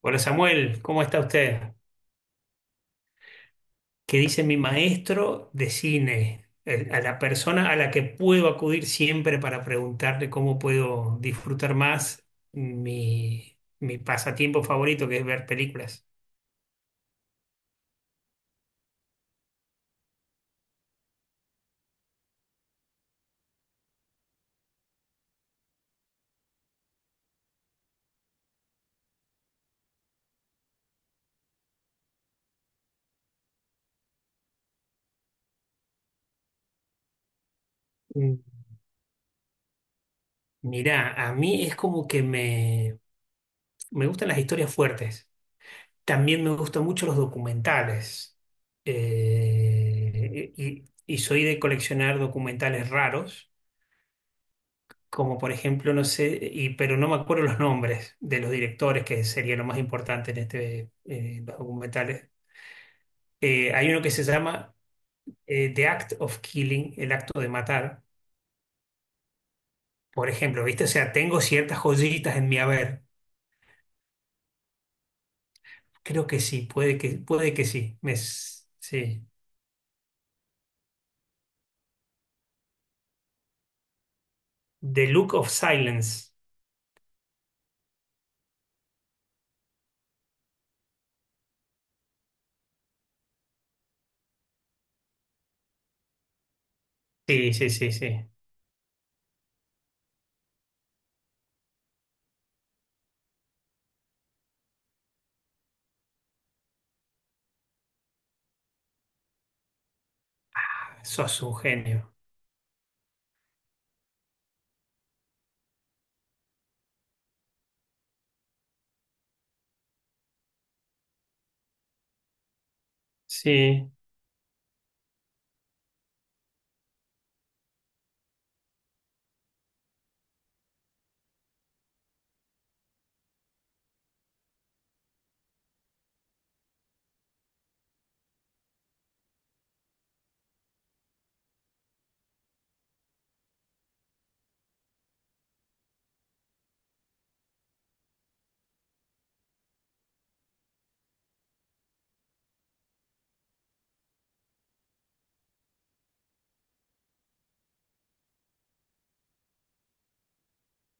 Hola Samuel, ¿cómo está usted? ¿Qué dice mi maestro de cine? A la persona a la que puedo acudir siempre para preguntarle cómo puedo disfrutar más mi pasatiempo favorito, que es ver películas. Mm. Mirá, a mí es como que me gustan las historias fuertes. También me gustan mucho los documentales. Y soy de coleccionar documentales raros como por ejemplo, no sé, y, pero no me acuerdo los nombres de los directores, que sería lo más importante en este documentales. Hay uno que se llama The Act of Killing, el acto de matar, por ejemplo, ¿viste? O sea, tengo ciertas joyitas en mi haber. Creo que sí, puede que sí. Sí. The Look of Silence. Sí, sí, sí, sí. Sos un genio. Sí.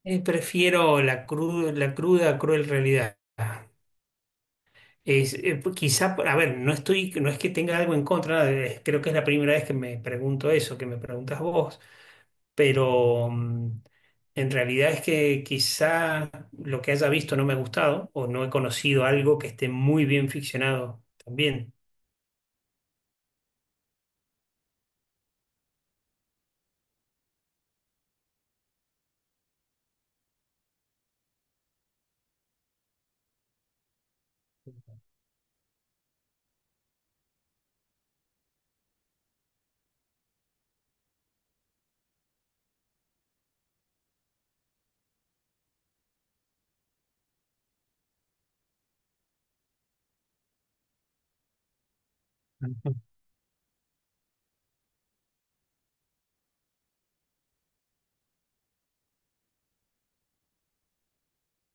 Prefiero la cruda, cruel realidad. Quizá, a ver, no es que tenga algo en contra, nada, creo que es la primera vez que me pregunto eso, que me preguntas vos, pero en realidad es que quizá lo que haya visto no me ha gustado o no he conocido algo que esté muy bien ficcionado también. Ujú.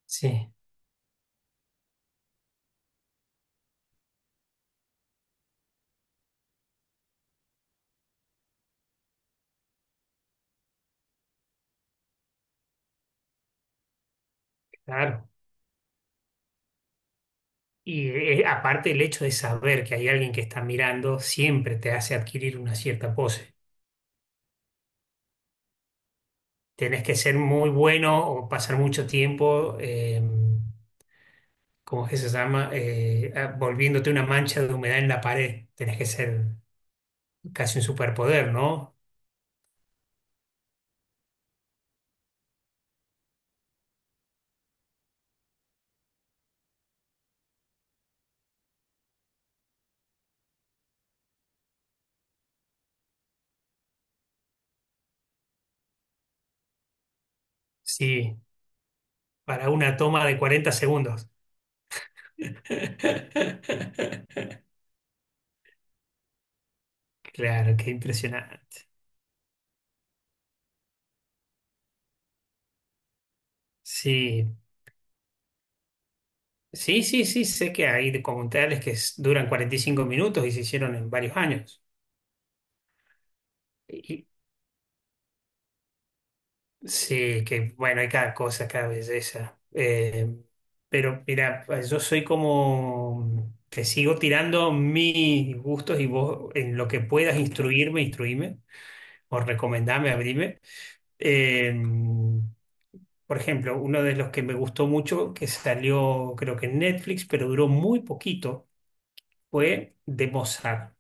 Sí. Claro. Y aparte el hecho de saber que hay alguien que está mirando siempre te hace adquirir una cierta pose. Tenés que ser muy bueno o pasar mucho tiempo. ¿Cómo es que se llama? Volviéndote una mancha de humedad en la pared. Tenés que ser casi un superpoder, ¿no? Sí, para una toma de 40 segundos. Claro, qué impresionante. Sí, sí, sí, sí, sé que hay documentales que duran 45 minutos y se hicieron en varios años. Y, sí, que bueno, hay cada cosa, cada belleza. Pero mira, pues, yo soy como, te sigo tirando mis gustos y vos en lo que puedas instruíme o recomendame, abrime. Eh, por ejemplo, uno de los que me gustó mucho, que salió creo que en Netflix, pero duró muy poquito, fue de Mozart,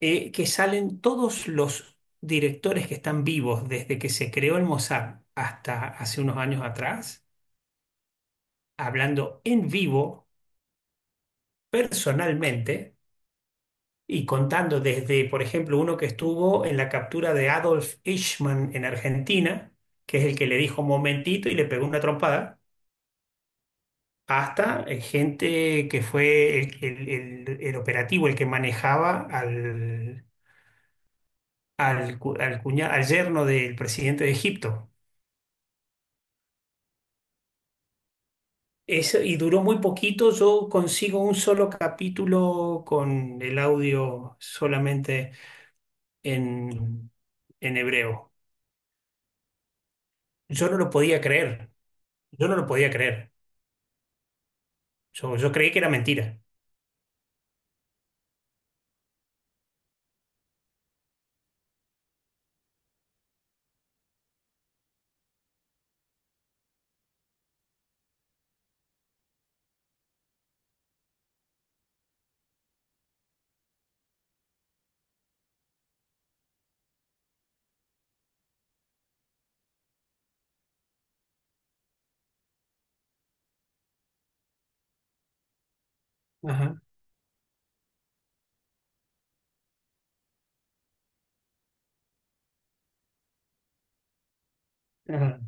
que salen todos los directores que están vivos desde que se creó el Mozart hasta hace unos años atrás hablando en vivo, personalmente, y contando desde, por ejemplo, uno que estuvo en la captura de Adolf Eichmann en Argentina, que es el que le dijo un momentito y le pegó una trompada, hasta gente que fue el operativo, el que manejaba al, al, cu- al cuña- al yerno del presidente de Egipto. Eso, y duró muy poquito, yo consigo un solo capítulo con el audio solamente en, en hebreo. Yo no lo podía creer, yo no lo podía creer. Yo creí que era mentira. Ajá, ajá.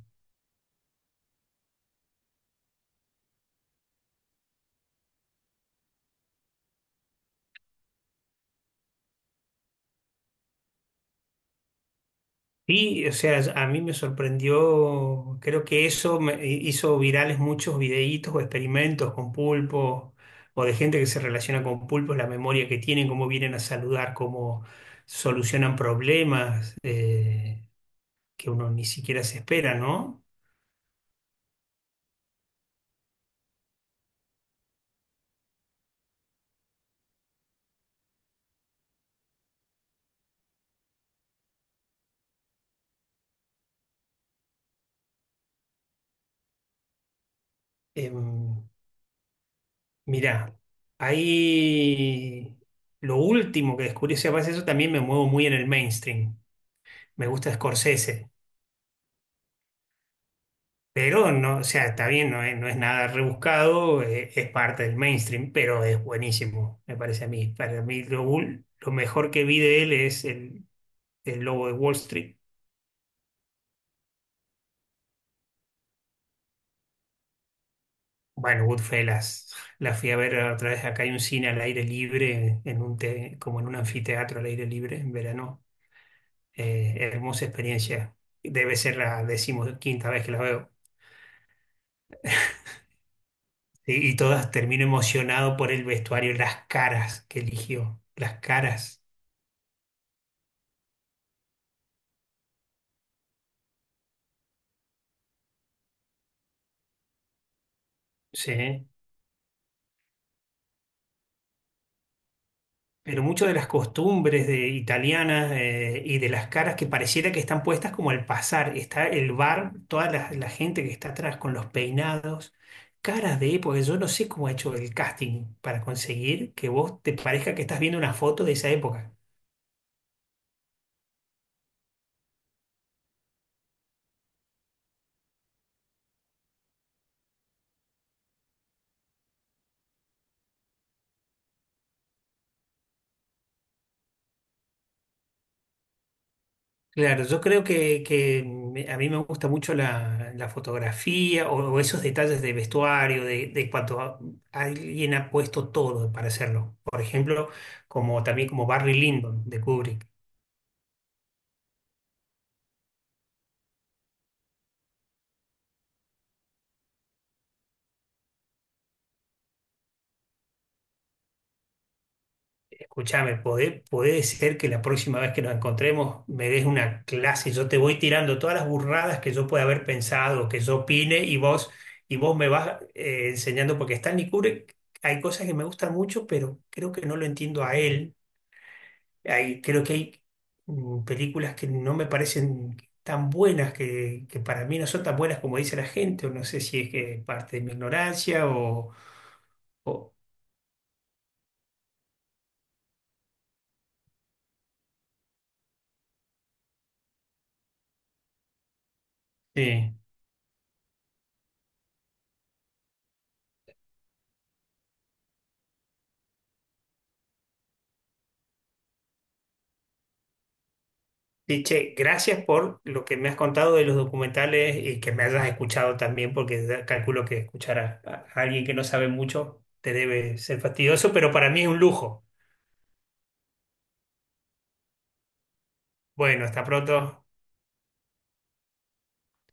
Y, o sea, a mí me sorprendió, creo que eso me hizo virales muchos videitos o experimentos con pulpo o de gente que se relaciona con pulpos, la memoria que tienen, cómo vienen a saludar, cómo solucionan problemas que uno ni siquiera se espera, ¿no? Em, mirá, ahí lo último que descubrí, o sea, pasa eso también me muevo muy en el mainstream. Me gusta Scorsese, pero no, o sea, está bien, no es nada rebuscado, es, parte del mainstream, pero es buenísimo, me parece a mí. Para mí lo, lo mejor que vi de él es el Lobo de Wall Street. Bueno, Goodfellas, la fui a ver otra vez, acá hay un cine al aire libre, en un como en un anfiteatro al aire libre en verano. Hermosa experiencia. Debe ser la decimoquinta vez que la veo. Y todas termino emocionado por el vestuario, las caras que eligió, las caras, sí. Pero mucho de las costumbres de italianas y de las caras que pareciera que están puestas como al pasar. Está el bar, la gente que está atrás con los peinados, caras de época. Yo no sé cómo ha hecho el casting para conseguir que vos te parezca que estás viendo una foto de esa época. Claro, yo creo que, a mí me gusta mucho la fotografía o esos detalles de vestuario, de cuando alguien ha puesto todo para hacerlo. Por ejemplo, como Barry Lyndon de Kubrick. Escúchame, puede ser que la próxima vez que nos encontremos me des una clase, yo te voy tirando todas las burradas que yo pueda haber pensado, que yo opine y vos me vas enseñando, porque Stanley Kubrick, hay cosas que me gustan mucho, pero creo que no lo entiendo a él. Hay, creo que hay películas que no me parecen tan buenas, que para mí no son tan buenas como dice la gente, o no sé si es que es parte de mi ignorancia o- sí. Sí, che, gracias por lo que me has contado de los documentales y que me hayas escuchado también, porque calculo que escuchar a alguien que no sabe mucho te debe ser fastidioso, pero para mí es un lujo. Bueno, hasta pronto.